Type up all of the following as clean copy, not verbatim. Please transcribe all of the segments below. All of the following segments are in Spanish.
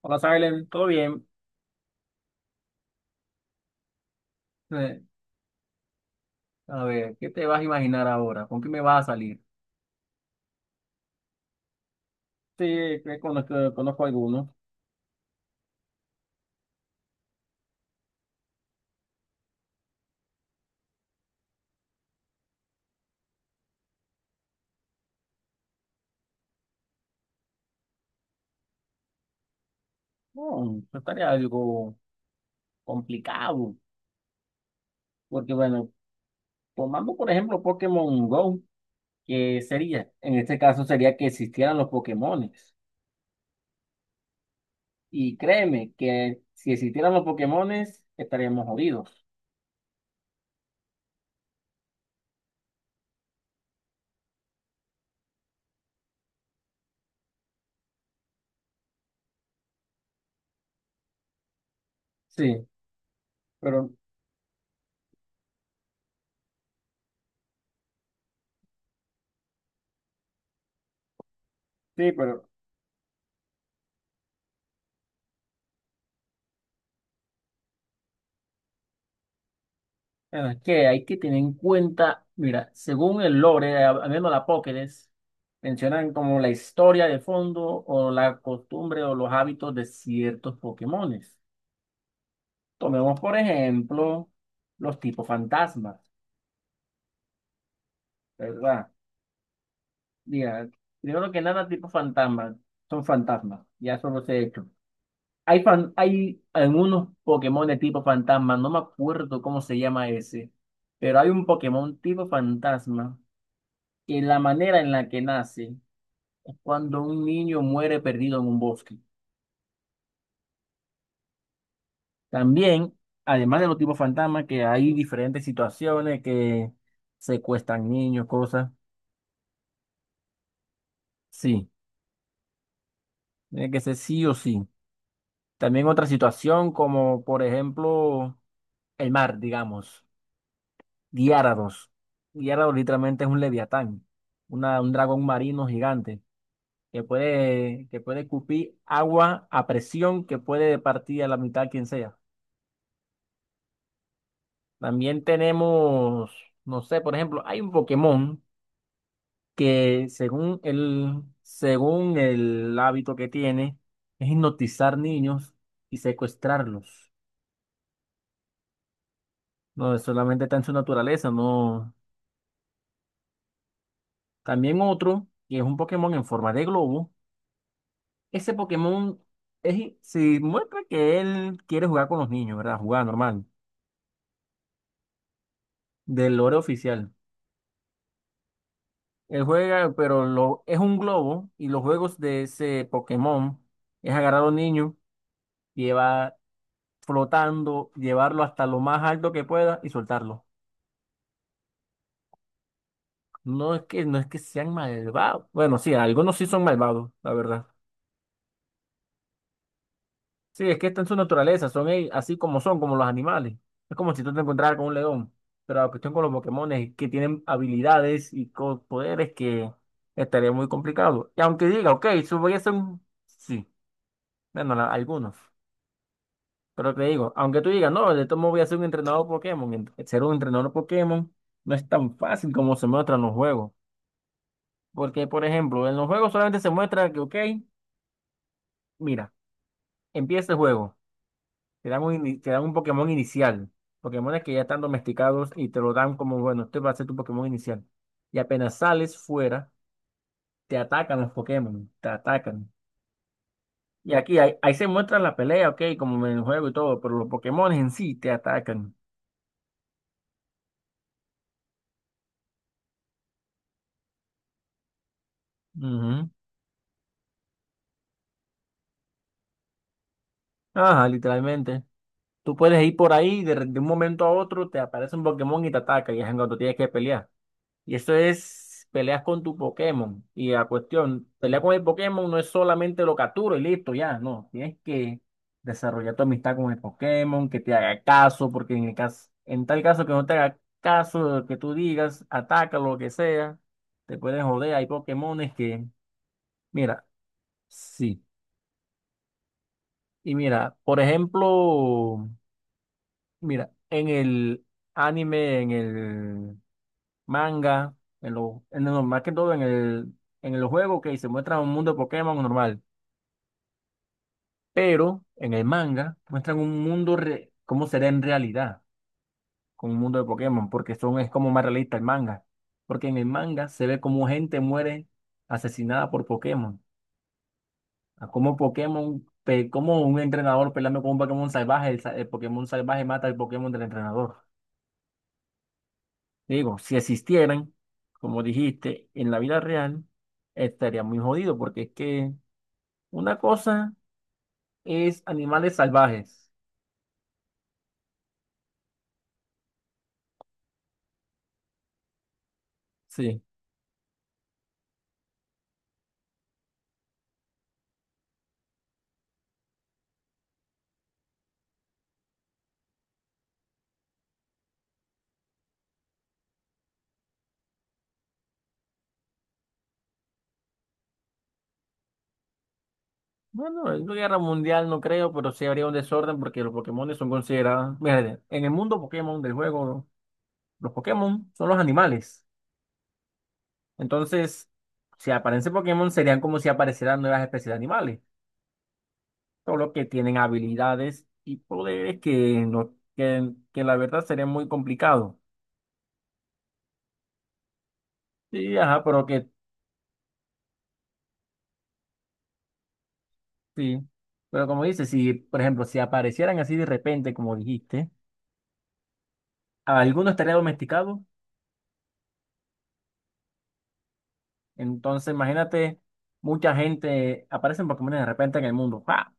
Hola, Silent, ¿todo bien? Eh, a ver, ¿qué te vas a imaginar ahora? ¿Con qué me vas a salir? Sí, que conozco algunos. No, eso estaría algo complicado, porque bueno, tomando por ejemplo Pokémon Go, ¿qué sería? En este caso sería que existieran los Pokémones. Y créeme que si existieran los Pokémones, estaríamos jodidos. Sí, pero... Sí, pero bueno, es que hay que tener en cuenta, mira, según el lore, viendo la Pokédex, mencionan como la historia de fondo o la costumbre o los hábitos de ciertos Pokémones. Tomemos, por ejemplo, los tipos fantasmas, ¿verdad? Mira, primero que nada, tipos fantasmas son fantasmas, ya eso los he hecho. Hay, hay algunos Pokémon de tipo fantasma, no me acuerdo cómo se llama ese, pero hay un Pokémon tipo fantasma que la manera en la que nace es cuando un niño muere perdido en un bosque. También, además de los tipos fantasma, que hay diferentes situaciones que secuestran niños, cosas. Sí, tiene que ser sí o sí. También otra situación como, por ejemplo, el mar, digamos, Diárados. Diárados literalmente es un leviatán, una, un dragón marino gigante que puede escupir agua a presión que puede partir a la mitad quien sea. También tenemos, no sé, por ejemplo, hay un Pokémon que según el hábito que tiene, es hipnotizar niños y secuestrarlos. No, es solamente está en su naturaleza, no. También otro, que es un Pokémon en forma de globo. Ese Pokémon es, si muestra que él quiere jugar con los niños, ¿verdad? Jugar normal, del lore oficial. Él juega, pero lo, es un globo y los juegos de ese Pokémon es agarrar a los niños llevar flotando, llevarlo hasta lo más alto que pueda y soltarlo. No es que sean malvados. Bueno, sí, algunos sí son malvados, la verdad. Sí, es que está en su naturaleza, son ellos así como son, como los animales. Es como si tú te encontraras con un león. Pero la cuestión con los Pokémon es que tienen habilidades y poderes que estaría muy complicado. Y aunque diga, ok, eso voy a hacer un... Sí, bueno, algunos. Pero te digo, aunque tú digas, no, de todo modo voy a ser un entrenador Pokémon, ser un entrenador Pokémon no es tan fácil como se muestra en los juegos. Porque, por ejemplo, en los juegos solamente se muestra que, ok, mira, empieza el juego, te dan un, te dan un Pokémon inicial, Pokémones que ya están domesticados y te lo dan como, bueno, este va a ser tu Pokémon inicial. Y apenas sales fuera, te atacan. Y ahí se muestra la pelea, ok, como en el juego y todo, pero los Pokémones en sí te atacan. Ujú. Ajá, literalmente. Tú puedes ir por ahí y de un momento a otro te aparece un Pokémon y te ataca y es en cuando tienes que pelear. Y eso es peleas con tu Pokémon. Y la cuestión, pelear con el Pokémon no es solamente lo capturo y listo, ya, no. Tienes que desarrollar tu amistad con el Pokémon, que te haga caso, porque en tal caso que no te haga caso de lo que tú digas, ataca lo que sea, te pueden joder. Hay Pokémones que, mira, sí. Y mira, por ejemplo. Mira, en el anime, en el manga, más que todo en el juego que se muestra un mundo de Pokémon normal, pero en el manga muestran un mundo cómo será en realidad con un mundo de Pokémon, porque son, es como más realista el manga, porque en el manga se ve como gente muere asesinada por Pokémon, a cómo Pokémon, cómo un entrenador peleando con un Pokémon salvaje, el, el Pokémon salvaje mata al Pokémon del entrenador. Digo, si existieran, como dijiste, en la vida real, estaría muy jodido, porque es que una cosa es animales salvajes. Sí. Bueno, en una guerra mundial no creo, pero sí habría un desorden porque los Pokémon son considerados. Mira, en el mundo Pokémon del juego, los Pokémon son los animales. Entonces, si aparecen Pokémon, serían como si aparecieran nuevas especies de animales. Solo que tienen habilidades y poderes que, no, que la verdad sería muy complicado. Sí, ajá, pero que sí. Pero como dices, si, por ejemplo, si aparecieran así de repente, como dijiste, alguno estaría domesticado. Entonces, imagínate, mucha gente, aparecen Pokémon de repente en el mundo. ¡Pa!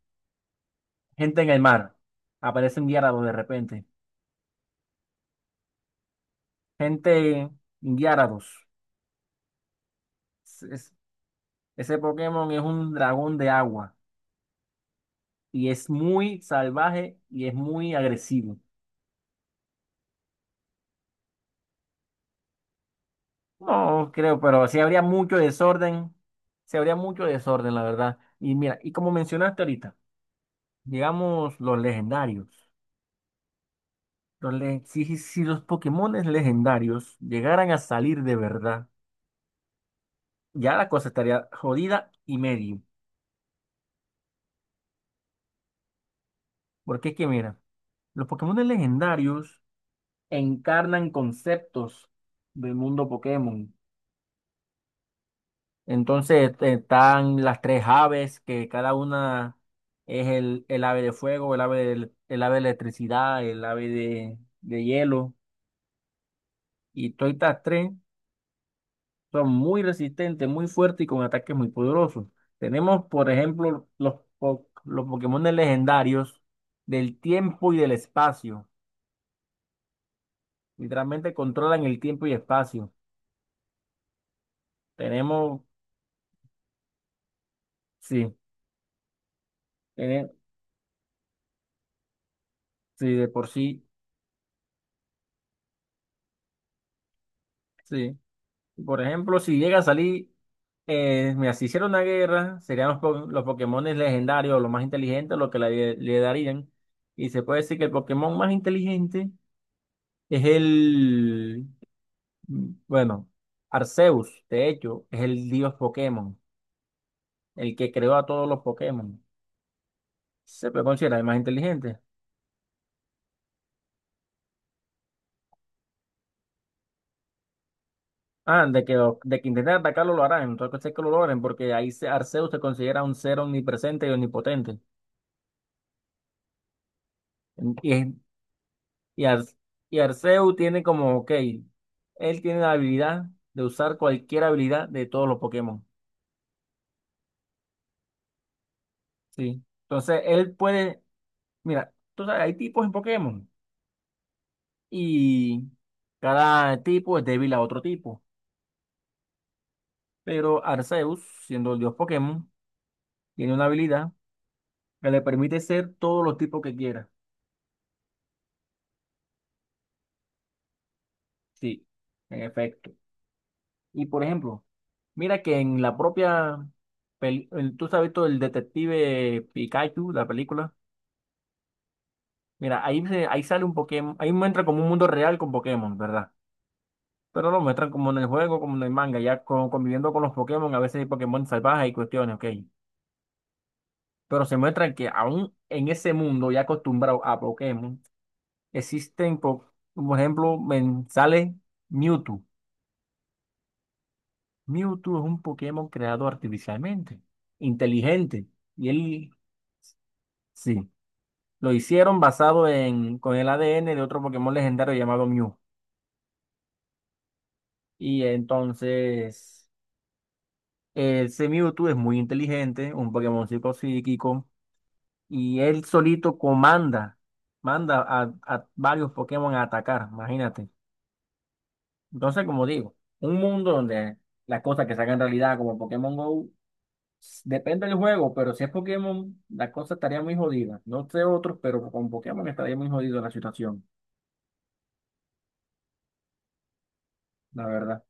Gente en el mar. Aparecen Gyarados de repente. Gente Gyarados. Es- es- ese Pokémon es un dragón de agua. Y es muy salvaje y es muy agresivo. No creo, pero sí habría mucho desorden. Sí habría mucho desorden, la verdad. Y mira, y como mencionaste ahorita, digamos los legendarios. Si, si los Pokémones legendarios llegaran a salir de verdad, ya la cosa estaría jodida y medio. Porque es que mira, los Pokémones legendarios encarnan conceptos del mundo Pokémon. Entonces están las tres aves, que cada una es el ave de fuego, el ave de electricidad, el ave de hielo. Y todas estas tres son muy resistentes, muy fuertes y con ataques muy poderosos. Tenemos, por ejemplo, los, los Pokémon legendarios del tiempo y del espacio. Literalmente controlan el tiempo y espacio. Tenemos, sí, tiene- sí, de por sí, sí. Por ejemplo, si llega a salir, mira, si hiciera una guerra, serían los, los Pokémon legendarios, los más inteligentes, los que le darían. Y se puede decir que el Pokémon más inteligente es el, bueno, Arceus, de hecho, es el dios Pokémon, el que creó a todos los Pokémon. Se puede considerar el más inteligente. Ah, de que intenten atacarlo lo harán, entonces que lo logren, porque ahí Arceus se considera un ser omnipresente y omnipotente. Y es Y, Ar- y Arceus tiene como, ok, él tiene la habilidad de usar cualquier habilidad de todos los Pokémon. Sí. Entonces, él puede, mira, tú sabes, hay tipos en Pokémon y cada tipo es débil a otro tipo. Pero Arceus, siendo el dios Pokémon, tiene una habilidad que le permite ser todos los tipos que quiera. Sí, en efecto. Y por ejemplo, mira que en la propia, tú sabes todo el detective Pikachu, la película. Mira, ahí, ahí sale un Pokémon, ahí muestra como un mundo real con Pokémon, ¿verdad? Pero lo muestran como en el juego, como en el manga, ya conviviendo con los Pokémon, a veces hay Pokémon salvajes y cuestiones, ok. Pero se muestra que aún en ese mundo ya acostumbrado a Pokémon, existen, por ejemplo, sale Mewtwo. Mewtwo es un Pokémon creado artificialmente, inteligente, y él, sí, lo hicieron basado en, con el ADN de otro Pokémon legendario llamado Mew. Y entonces... Ese Mewtwo es muy inteligente, un Pokémon psíquico, y él solito comanda, manda a varios Pokémon a atacar, imagínate. Entonces, como digo, un mundo donde las cosas que se hagan realidad, como Pokémon Go, depende del juego, pero si es Pokémon, la cosa estaría muy jodida. No sé otros, pero con Pokémon estaría muy jodido la situación, la verdad.